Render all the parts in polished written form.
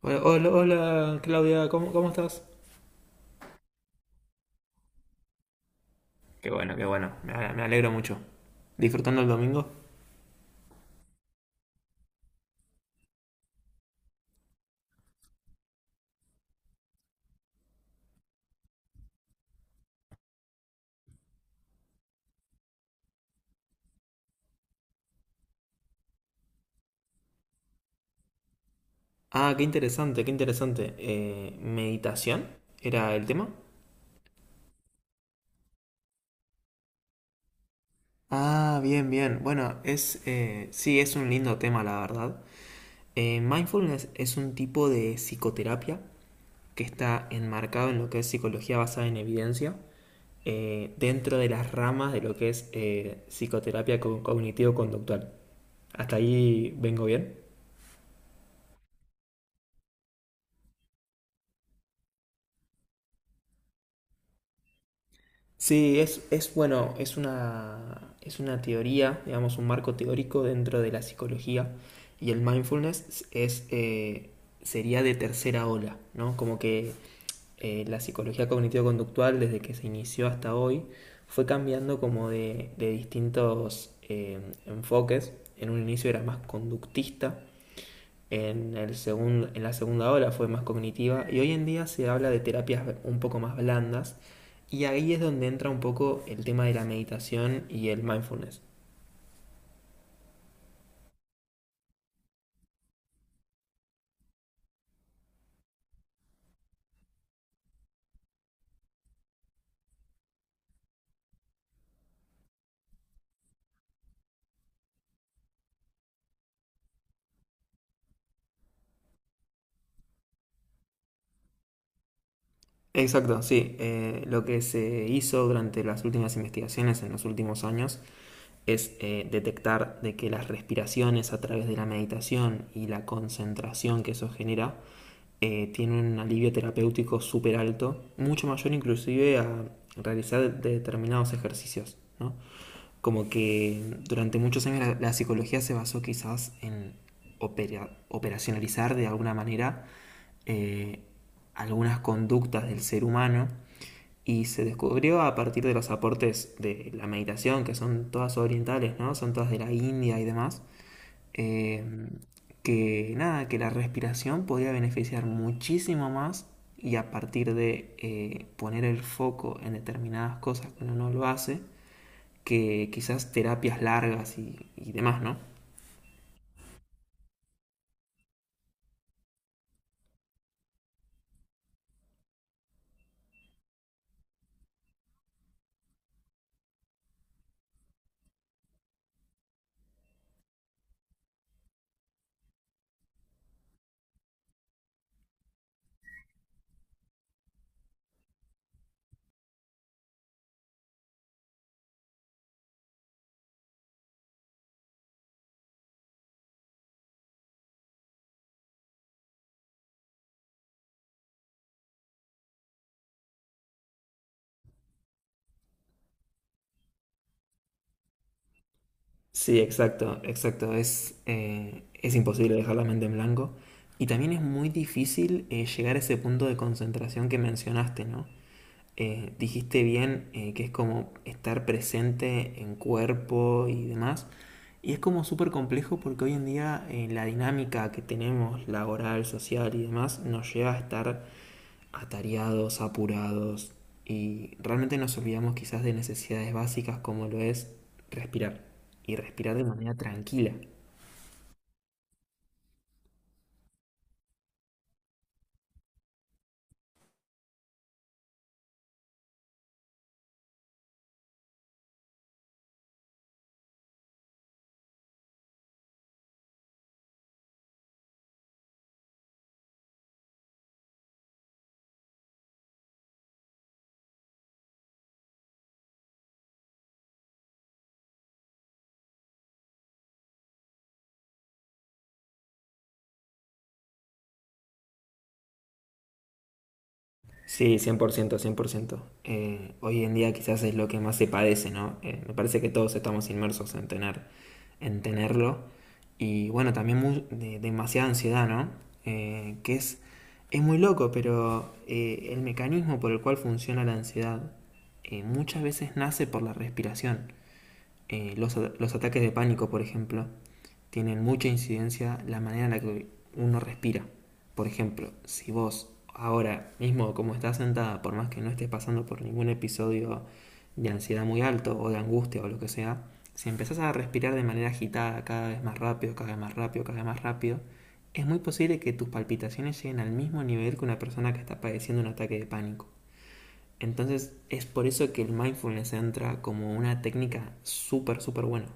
Bueno, hola, hola, Claudia, ¿cómo estás? Qué bueno, me alegro mucho. ¿Disfrutando el domingo? Ah, qué interesante, qué interesante. ¿Meditación era el tema? Ah, bien, bien. Bueno, sí, es un lindo tema, la verdad. Mindfulness es un tipo de psicoterapia que está enmarcado en lo que es psicología basada en evidencia, dentro de las ramas de lo que es psicoterapia cognitivo-conductual. ¿Hasta ahí vengo bien? Sí, es bueno, es una teoría, digamos, un marco teórico dentro de la psicología y el mindfulness es, sería de tercera ola, ¿no? Como que la psicología cognitivo-conductual desde que se inició hasta hoy fue cambiando como de distintos enfoques. En un inicio era más conductista en la segunda ola fue más cognitiva y hoy en día se habla de terapias un poco más blandas y ahí es donde entra un poco el tema de la meditación y el mindfulness. Exacto, sí. Lo que se hizo durante las últimas investigaciones en los últimos años es detectar de que las respiraciones a través de la meditación y la concentración que eso genera tiene un alivio terapéutico súper alto, mucho mayor inclusive a realizar determinados ejercicios, ¿no? Como que durante muchos años la psicología se basó quizás en operacionalizar de alguna manera eh, algunas conductas del ser humano y se descubrió a partir de los aportes de la meditación, que son todas orientales, ¿no? Son todas de la India y demás, eh, que nada, que la respiración podría beneficiar muchísimo más y a partir de poner el foco en determinadas cosas que uno no lo hace, que quizás terapias largas y demás, ¿no? Sí, exacto, exacto. Es imposible dejar la mente en blanco. Y también es muy difícil llegar a ese punto de concentración que mencionaste, ¿no? Dijiste bien que es como estar presente en cuerpo y demás. Y es como súper complejo porque hoy en día la dinámica que tenemos, laboral, social y demás, nos lleva a estar atareados, apurados y realmente nos olvidamos quizás de necesidades básicas como lo es respirar. Y respirar de manera tranquila. Sí, 100%, 100%. Hoy en día quizás es lo que más se padece, ¿no? Me parece que todos estamos inmersos en tener, en tenerlo. Y bueno, también demasiada ansiedad, ¿no? Eh, que es, es muy loco, pero el mecanismo por el cual funciona la ansiedad muchas veces nace por la respiración. Los ataques de pánico, por ejemplo, tienen mucha incidencia la manera en la que uno respira. Por ejemplo, si vos ahora mismo, como estás sentada, por más que no estés pasando por ningún episodio de ansiedad muy alto o de angustia o lo que sea, si empezás a respirar de manera agitada, cada vez más rápido, cada vez más rápido, cada vez más rápido, es muy posible que tus palpitaciones lleguen al mismo nivel que una persona que está padeciendo un ataque de pánico. Entonces es por eso que el mindfulness entra como una técnica súper, súper buena.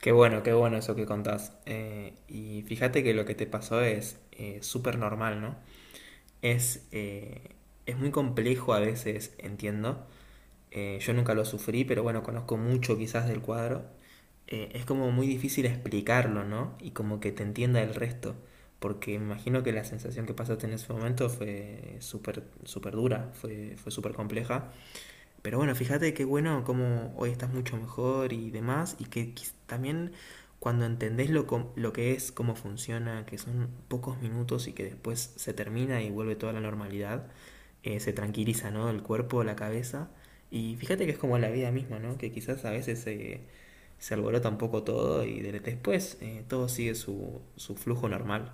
Qué bueno eso que contás. Y fíjate que lo que te pasó es súper normal, ¿no? Es, eh, es muy complejo a veces, entiendo. Yo nunca lo sufrí, pero bueno, conozco mucho quizás del cuadro. Es como muy difícil explicarlo, ¿no? Y como que te entienda el resto. Porque me imagino que la sensación que pasaste en ese momento fue súper, súper dura, fue súper compleja. Pero bueno, fíjate qué bueno cómo hoy estás mucho mejor y demás, y que también cuando entendés lo que es, cómo funciona, que son pocos minutos y que después se termina y vuelve toda la normalidad, se tranquiliza, ¿no? El cuerpo, la cabeza. Y fíjate que es como la vida misma, ¿no? Que quizás a veces se alborota un poco todo y después todo sigue su flujo normal.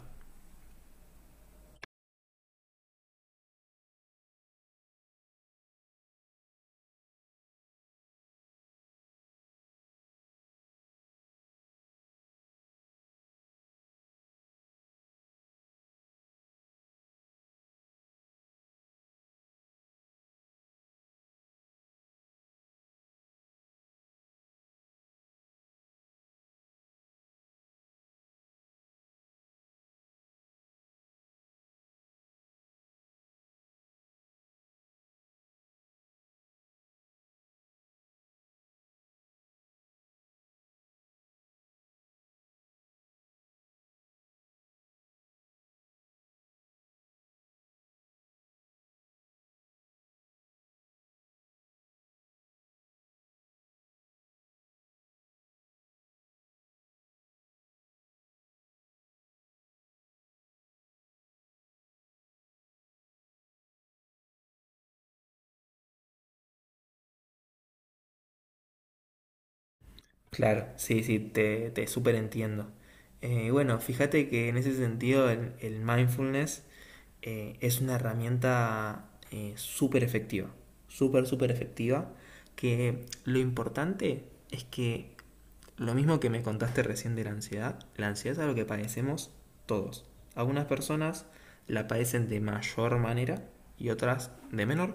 Claro, sí, sí, te súper entiendo. Bueno, fíjate que en ese sentido el mindfulness es una herramienta súper efectiva, súper, súper efectiva, que lo importante es que lo mismo que me contaste recién de la ansiedad es algo que padecemos todos. Algunas personas la padecen de mayor manera y otras de menor,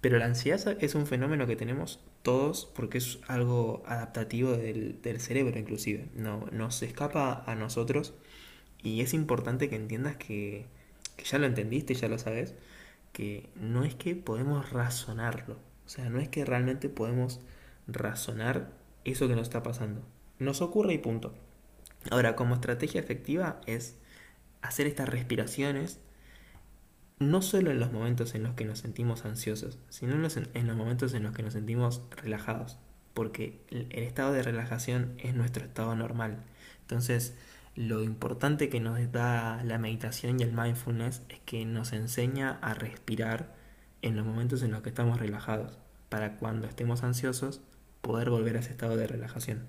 pero la ansiedad es un fenómeno que tenemos todos porque es algo adaptativo del cerebro inclusive. No, nos escapa a nosotros y es importante que entiendas que ya lo entendiste, ya lo sabes, que no es que podemos razonarlo. O sea, no es que realmente podemos razonar eso que nos está pasando. Nos ocurre y punto. Ahora, como estrategia efectiva es hacer estas respiraciones no solo en los momentos en los que nos sentimos ansiosos, sino en en los momentos en los que nos sentimos relajados, porque el estado de relajación es nuestro estado normal. Entonces, lo importante que nos da la meditación y el mindfulness es que nos enseña a respirar en los momentos en los que estamos relajados, para cuando estemos ansiosos poder volver a ese estado de relajación.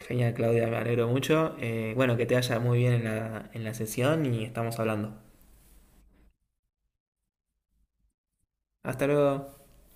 Genial, Claudia, me alegro mucho. Bueno, que te vaya muy bien en en la sesión y estamos hablando. Hasta luego.